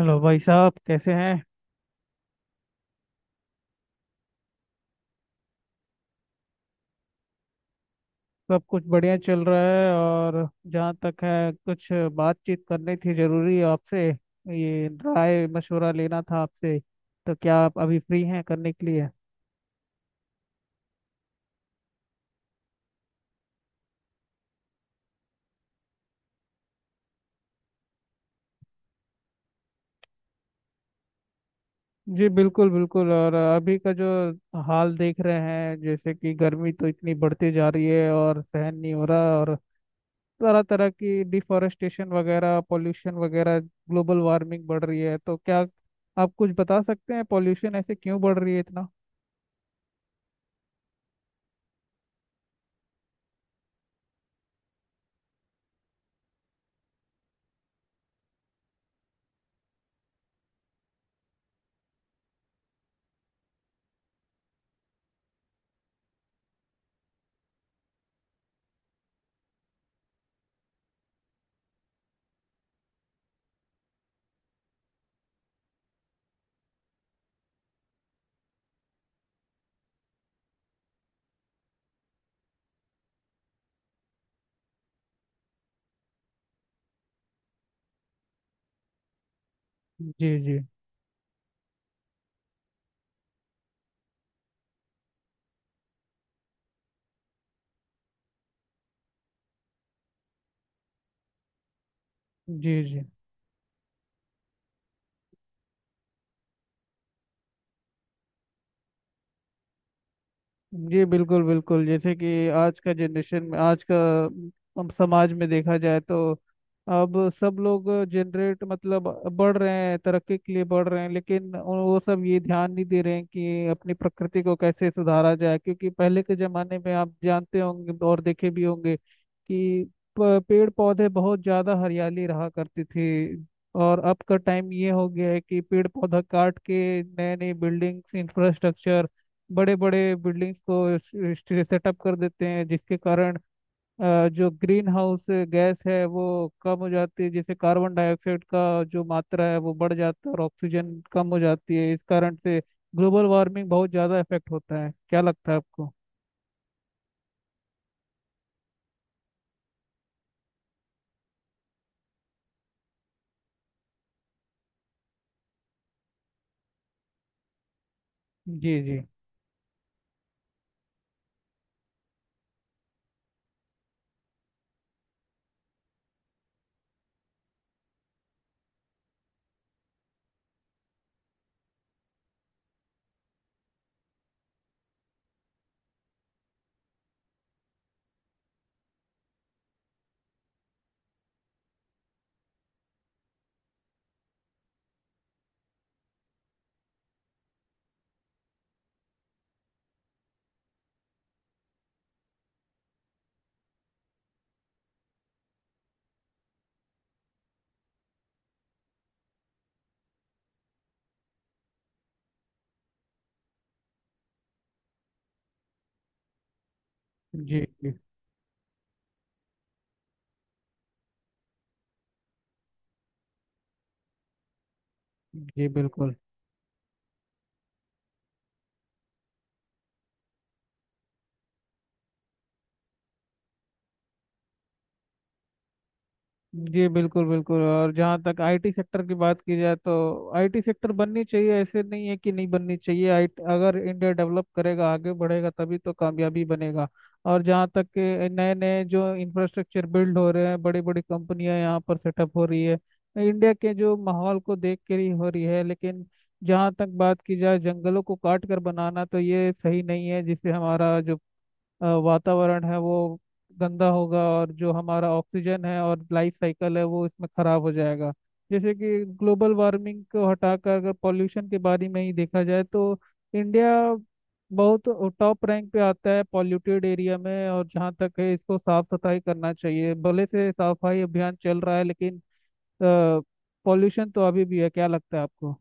Hello भाई साहब कैसे हैं। सब कुछ बढ़िया चल रहा है। और जहाँ तक है कुछ बातचीत करनी थी जरूरी आपसे। ये राय मशवरा लेना था आपसे। तो क्या आप अभी फ्री हैं करने के लिए? जी बिल्कुल बिल्कुल। और अभी का जो हाल देख रहे हैं जैसे कि गर्मी तो इतनी बढ़ती जा रही है और सहन नहीं हो रहा। और तरह तरह की डिफॉरेस्टेशन वगैरह, पॉल्यूशन वगैरह, ग्लोबल वार्मिंग बढ़ रही है। तो क्या आप कुछ बता सकते हैं पॉल्यूशन ऐसे क्यों बढ़ रही है इतना? जी जी। जी जी। जी बिल्कुल बिल्कुल। जैसे कि आज का जनरेशन में, आज का समाज में देखा जाए तो अब सब लोग जनरेट मतलब बढ़ रहे हैं, तरक्की के लिए बढ़ रहे हैं, लेकिन वो सब ये ध्यान नहीं दे रहे हैं कि अपनी प्रकृति को कैसे सुधारा जाए। क्योंकि पहले के जमाने में आप जानते होंगे और देखे भी होंगे कि पेड़ पौधे बहुत ज्यादा हरियाली रहा करती थी। और अब का टाइम ये हो गया है कि पेड़ पौधा काट के नए नए बिल्डिंग्स, इंफ्रास्ट्रक्चर, बड़े बड़े बिल्डिंग्स को सेटअप कर देते हैं। जिसके कारण जो ग्रीन हाउस गैस है वो कम हो जाती है। जैसे कार्बन डाइऑक्साइड का जो मात्रा है वो बढ़ जाता है और ऑक्सीजन कम हो जाती है। इस कारण से ग्लोबल वार्मिंग बहुत ज़्यादा इफेक्ट होता है। क्या लगता है आपको? जी जी। जी जी। जी बिल्कुल। जी बिल्कुल बिल्कुल। और जहाँ तक आईटी सेक्टर की बात की जाए तो आईटी सेक्टर बननी चाहिए। ऐसे नहीं है कि नहीं बननी चाहिए। आई अगर इंडिया डेवलप करेगा, आगे बढ़ेगा, तभी तो कामयाबी बनेगा। और जहाँ तक के नए नए जो इंफ्रास्ट्रक्चर बिल्ड हो रहे हैं, बड़ी बड़ी कंपनियां यहाँ पर सेटअप हो रही है, इंडिया के जो माहौल को देख कर ही हो रही है। लेकिन जहाँ तक बात की जाए जंगलों को काट कर बनाना, तो ये सही नहीं है। जिससे हमारा जो वातावरण है वो गंदा होगा और जो हमारा ऑक्सीजन है और लाइफ साइकिल है वो इसमें खराब हो जाएगा। जैसे कि ग्लोबल वार्मिंग को हटाकर अगर पॉल्यूशन के बारे में ही देखा जाए तो इंडिया बहुत टॉप रैंक पे आता है पॉल्यूटेड एरिया में। और जहाँ तक है इसको साफ सफाई करना चाहिए। भले से साफ सफाई अभियान चल रहा है, लेकिन पॉल्यूशन तो अभी भी है। क्या लगता है आपको?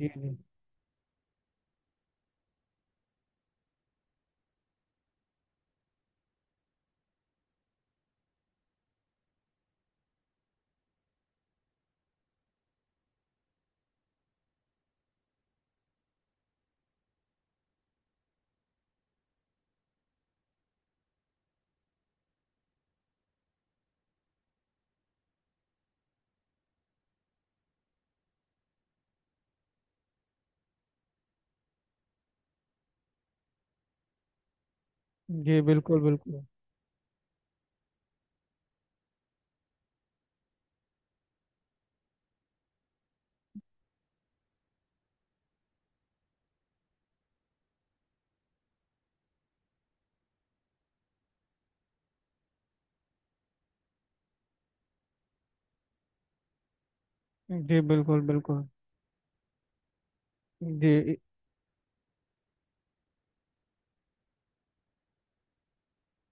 जी जी। जी बिल्कुल बिल्कुल। जी बिल्कुल बिल्कुल। जी।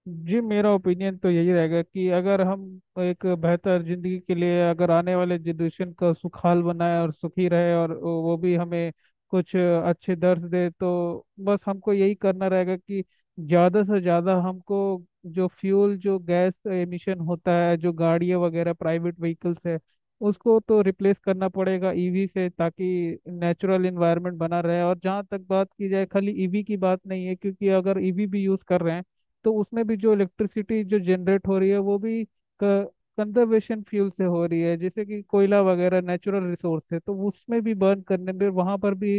जी मेरा ओपिनियन तो यही रहेगा कि अगर हम एक बेहतर जिंदगी के लिए, अगर आने वाले जनरेशन का सुखाल बनाए और सुखी रहे और वो भी हमें कुछ अच्छे दर्श दे, तो बस हमको यही करना रहेगा कि ज़्यादा से ज़्यादा हमको जो फ्यूल, जो गैस एमिशन होता है, जो गाड़ियाँ वगैरह प्राइवेट व्हीकल्स है, उसको तो रिप्लेस करना पड़ेगा ईवी से, ताकि नेचुरल इन्वायरमेंट बना रहे। और जहाँ तक बात की जाए खाली ईवी की बात नहीं है, क्योंकि अगर ईवी भी यूज़ कर रहे हैं तो उसमें भी जो इलेक्ट्रिसिटी जो जनरेट हो रही है वो भी कंजर्वेशन फ्यूल से हो रही है। जैसे कि कोयला वगैरह नेचुरल रिसोर्स है, तो उसमें भी बर्न करने में वहाँ पर भी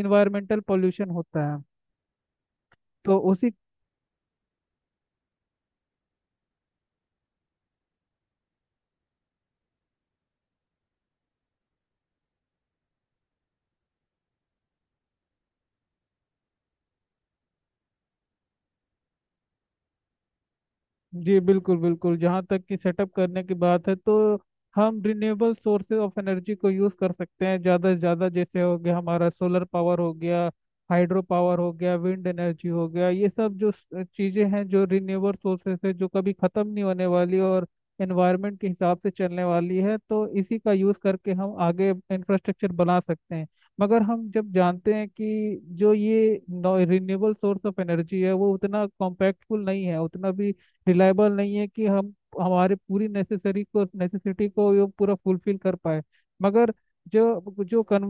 इन्वायरमेंटल पोल्यूशन होता है। तो उसी। जी बिल्कुल बिल्कुल। जहाँ तक कि सेटअप करने की बात है तो हम रिन्यूएबल सोर्सेज ऑफ एनर्जी को यूज़ कर सकते हैं ज़्यादा से ज़्यादा। जैसे हो गया हमारा सोलर पावर हो गया, हाइड्रो पावर हो गया, विंड एनर्जी हो गया। ये सब जो चीज़ें हैं जो रिन्यूएबल सोर्सेज है, जो कभी ख़त्म नहीं होने वाली और एनवायरनमेंट के हिसाब से चलने वाली है, तो इसी का यूज़ करके हम आगे इंफ्रास्ट्रक्चर बना सकते हैं। मगर हम जब जानते हैं कि जो ये रिन्यूएबल सोर्स ऑफ एनर्जी है वो उतना कॉम्पैक्टफुल नहीं है, उतना भी रिलायबल नहीं है कि हम हमारे पूरी नेसेसरी को, नेसेसिटी को ये पूरा फुलफिल कर पाए। मगर जो जो कन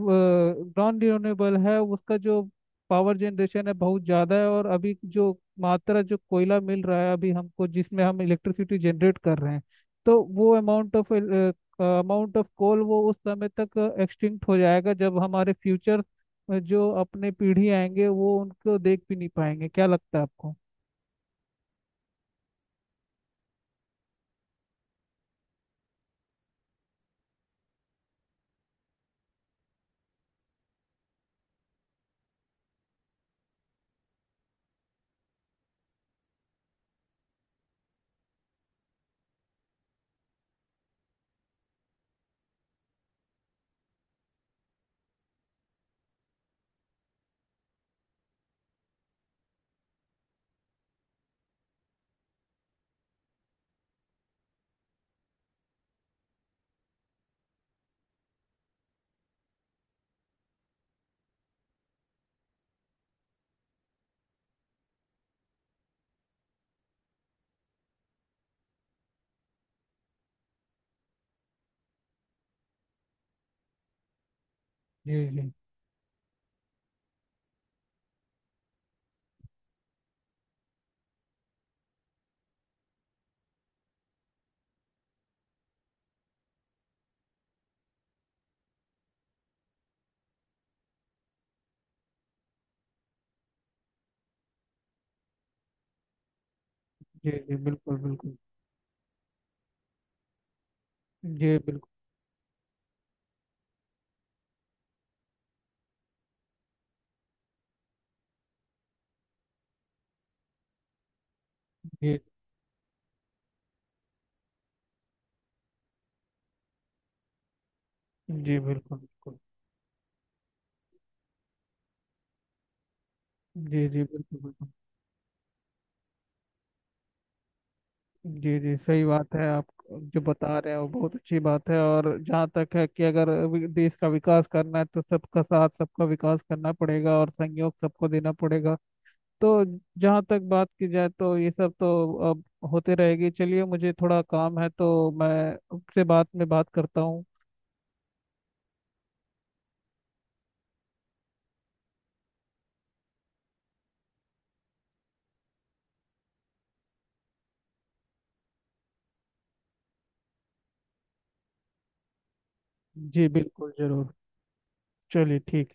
नॉन रिन्यूएबल है उसका जो पावर जनरेशन है बहुत ज़्यादा है। और अभी जो मात्रा, जो कोयला मिल रहा है अभी हमको, जिसमें हम इलेक्ट्रिसिटी जनरेट कर रहे हैं, तो वो amount of, amount of coal वो उस समय तक एक्सटिंक्ट हो जाएगा जब हमारे फ्यूचर जो अपने पीढ़ी आएंगे वो उनको देख भी नहीं पाएंगे। क्या लगता है आपको? जी जी। जी जी बिल्कुल बिल्कुल। जी बिल्कुल। जी जी बिल्कुल बिल्कुल। जी जी बिल्कुल बिल्कुल। जी जी सही बात है। आप जो बता रहे हैं वो बहुत अच्छी बात है। और जहाँ तक है कि अगर देश का विकास करना है तो सबका साथ सबका विकास करना पड़ेगा और सहयोग सबको देना पड़ेगा। तो जहाँ तक बात की जाए तो ये सब तो अब होते रहेगी। चलिए मुझे थोड़ा काम है, तो मैं आपसे बात में बात करता हूँ। जी बिल्कुल जरूर। चलिए ठीक।